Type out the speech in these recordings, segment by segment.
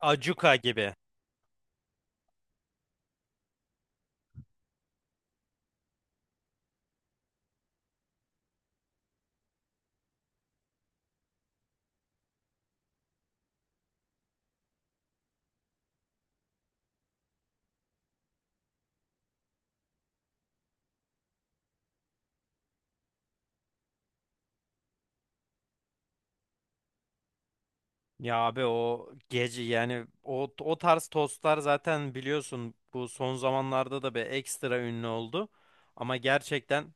Acuka gibi. Ya abi o gece yani o tarz tostlar zaten biliyorsun bu son zamanlarda da bir ekstra ünlü oldu. Ama gerçekten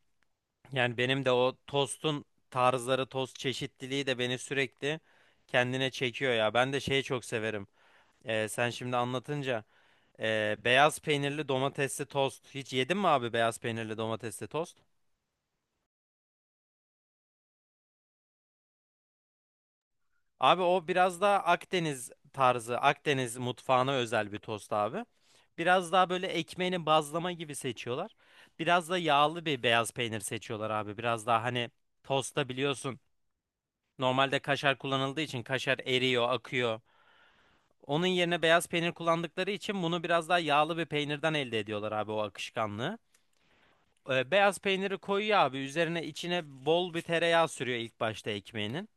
yani benim de o tostun tarzları, tost çeşitliliği de beni sürekli kendine çekiyor ya. Ben de şeyi çok severim. Sen şimdi anlatınca beyaz peynirli domatesli tost. Hiç yedin mi abi beyaz peynirli domatesli tost? Abi o biraz daha Akdeniz tarzı, Akdeniz mutfağına özel bir tost abi. Biraz daha böyle ekmeğini bazlama gibi seçiyorlar. Biraz da yağlı bir beyaz peynir seçiyorlar abi. Biraz daha hani tosta biliyorsun normalde kaşar kullanıldığı için kaşar eriyor, akıyor. Onun yerine beyaz peynir kullandıkları için bunu biraz daha yağlı bir peynirden elde ediyorlar abi o akışkanlığı. Beyaz peyniri koyuyor abi üzerine içine bol bir tereyağı sürüyor ilk başta ekmeğinin.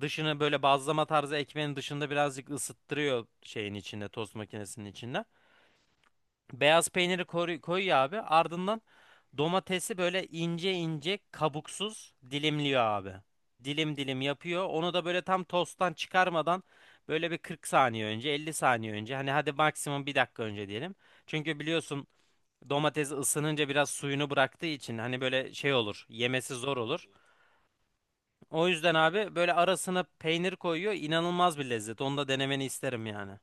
Dışını böyle bazlama tarzı ekmeğin dışında birazcık ısıttırıyor şeyin içinde, tost makinesinin içinde. Beyaz peyniri koyuyor abi. Ardından domatesi böyle ince ince kabuksuz dilimliyor abi. Dilim dilim yapıyor. Onu da böyle tam tosttan çıkarmadan böyle bir 40 saniye önce, 50 saniye önce. Hani hadi maksimum bir dakika önce diyelim. Çünkü biliyorsun domates ısınınca biraz suyunu bıraktığı için hani böyle şey olur, yemesi zor olur. O yüzden abi böyle arasına peynir koyuyor. İnanılmaz bir lezzet. Onu da denemeni isterim yani.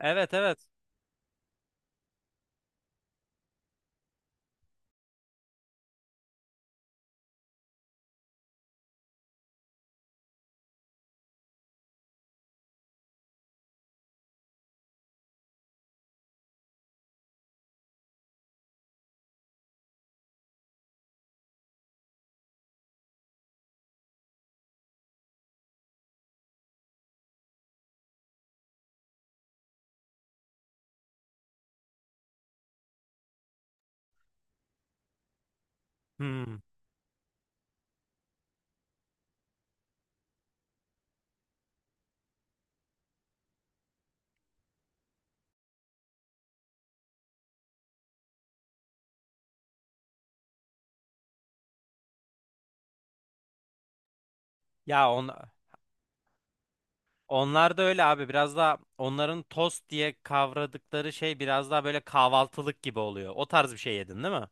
Evet, evet. Hmm. Ya on, Onlar da öyle abi. Biraz daha onların tost diye kavradıkları şey biraz daha böyle kahvaltılık gibi oluyor. O tarz bir şey yedin değil mi?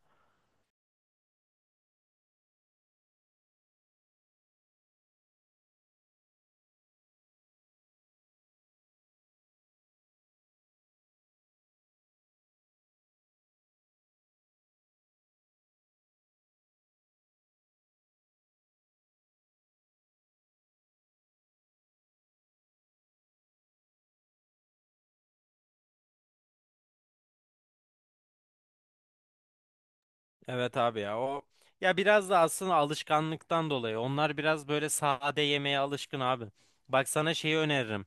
Evet abi ya o, ya biraz da aslında alışkanlıktan dolayı. Onlar biraz böyle sade yemeğe alışkın abi. Bak sana şeyi öneririm.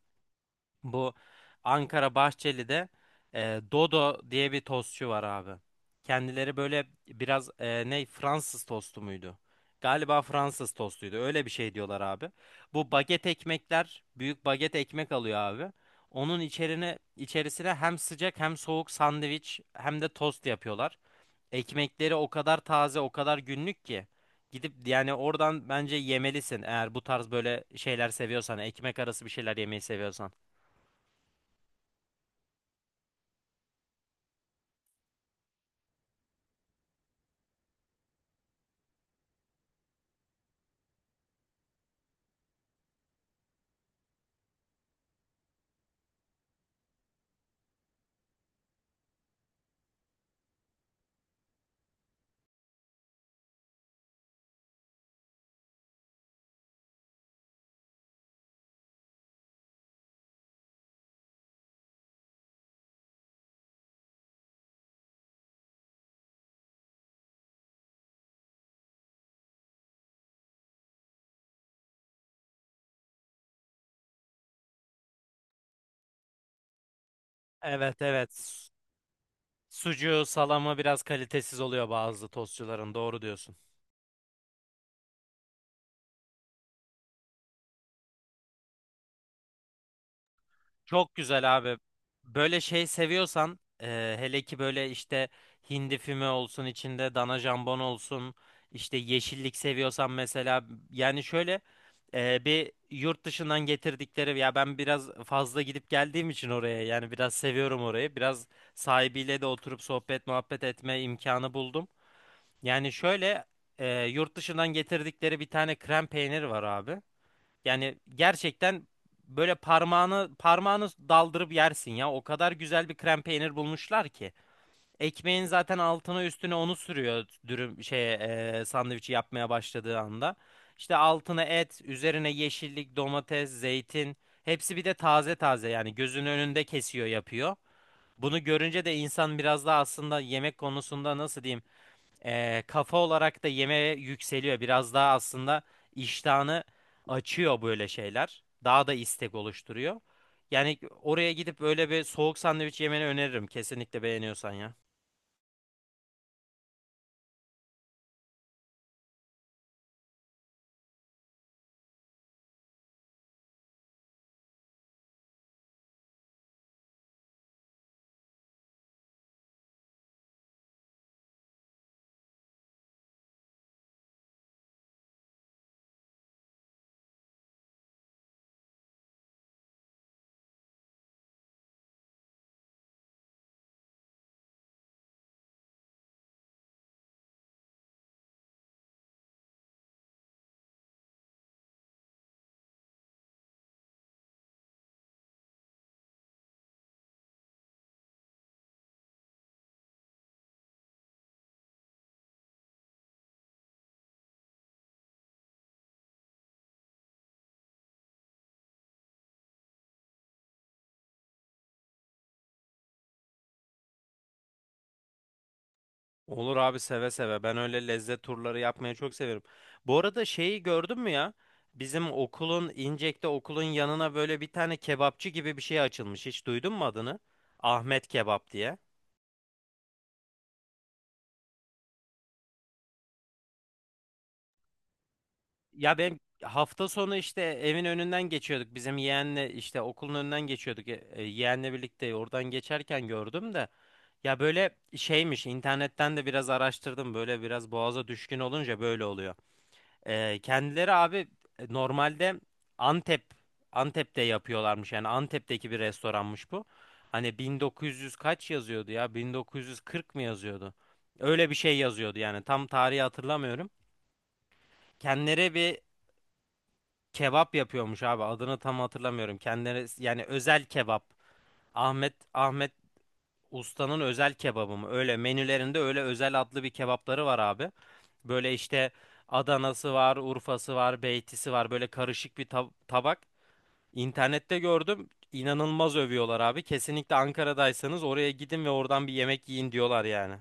Bu Ankara Bahçeli'de Dodo diye bir tostçu var abi. Kendileri böyle biraz ne Fransız tostu muydu? Galiba Fransız tostuydu. Öyle bir şey diyorlar abi. Bu baget ekmekler, büyük baget ekmek alıyor abi. Onun içerisine hem sıcak hem soğuk sandviç hem de tost yapıyorlar. Ekmekleri o kadar taze, o kadar günlük ki gidip yani oradan bence yemelisin eğer bu tarz böyle şeyler seviyorsan, ekmek arası bir şeyler yemeyi seviyorsan. Evet, evet. Sucuğu, salamı biraz kalitesiz oluyor bazı tostçuların. Doğru diyorsun. Çok güzel abi. Böyle şey seviyorsan hele ki böyle işte hindi füme olsun, içinde dana jambon olsun, işte yeşillik seviyorsan mesela, yani şöyle bir yurt dışından getirdikleri ya, ben biraz fazla gidip geldiğim için oraya, yani biraz seviyorum orayı, biraz sahibiyle de oturup sohbet muhabbet etme imkanı buldum. Yani şöyle yurt dışından getirdikleri bir tane krem peyniri var abi. Yani gerçekten böyle parmağını daldırıp yersin ya. O kadar güzel bir krem peynir bulmuşlar ki. Ekmeğin zaten altına üstüne onu sürüyor dürüm şey sandviçi yapmaya başladığı anda. İşte altına et, üzerine yeşillik, domates, zeytin. Hepsi bir de taze taze yani gözünün önünde kesiyor yapıyor. Bunu görünce de insan biraz daha aslında yemek konusunda nasıl diyeyim, kafa olarak da yemeğe yükseliyor. Biraz daha aslında iştahını açıyor böyle şeyler. Daha da istek oluşturuyor. Yani oraya gidip böyle bir soğuk sandviç yemeni öneririm. Kesinlikle beğeniyorsan ya. Olur abi, seve seve. Ben öyle lezzet turları yapmayı çok severim. Bu arada şeyi gördün mü ya? Bizim okulun İncek'te, okulun yanına böyle bir tane kebapçı gibi bir şey açılmış. Hiç duydun mu adını? Ahmet Kebap diye. Ya ben hafta sonu işte evin önünden geçiyorduk. Bizim yeğenle işte okulun önünden geçiyorduk. Yeğenle birlikte oradan geçerken gördüm de. Ya böyle şeymiş, internetten de biraz araştırdım. Böyle biraz boğaza düşkün olunca böyle oluyor. Kendileri abi normalde Antep Antep'te yapıyorlarmış. Yani Antep'teki bir restoranmış bu. Hani 1900 kaç yazıyordu ya? 1940 mı yazıyordu? Öyle bir şey yazıyordu yani tam tarihi hatırlamıyorum. Kendileri bir kebap yapıyormuş abi. Adını tam hatırlamıyorum. Kendileri yani özel kebap. Ahmet Usta'nın özel kebabı mı? Öyle menülerinde öyle özel adlı bir kebapları var abi. Böyle işte Adana'sı var, Urfa'sı var, Beyti'si var. Böyle karışık bir tabak. İnternette gördüm. İnanılmaz övüyorlar abi. Kesinlikle Ankara'daysanız oraya gidin ve oradan bir yemek yiyin diyorlar yani.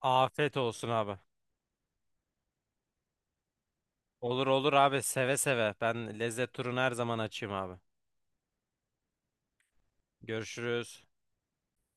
Afiyet olsun abi. Olur olur abi, seve seve. Ben lezzet turunu her zaman açayım abi. Görüşürüz.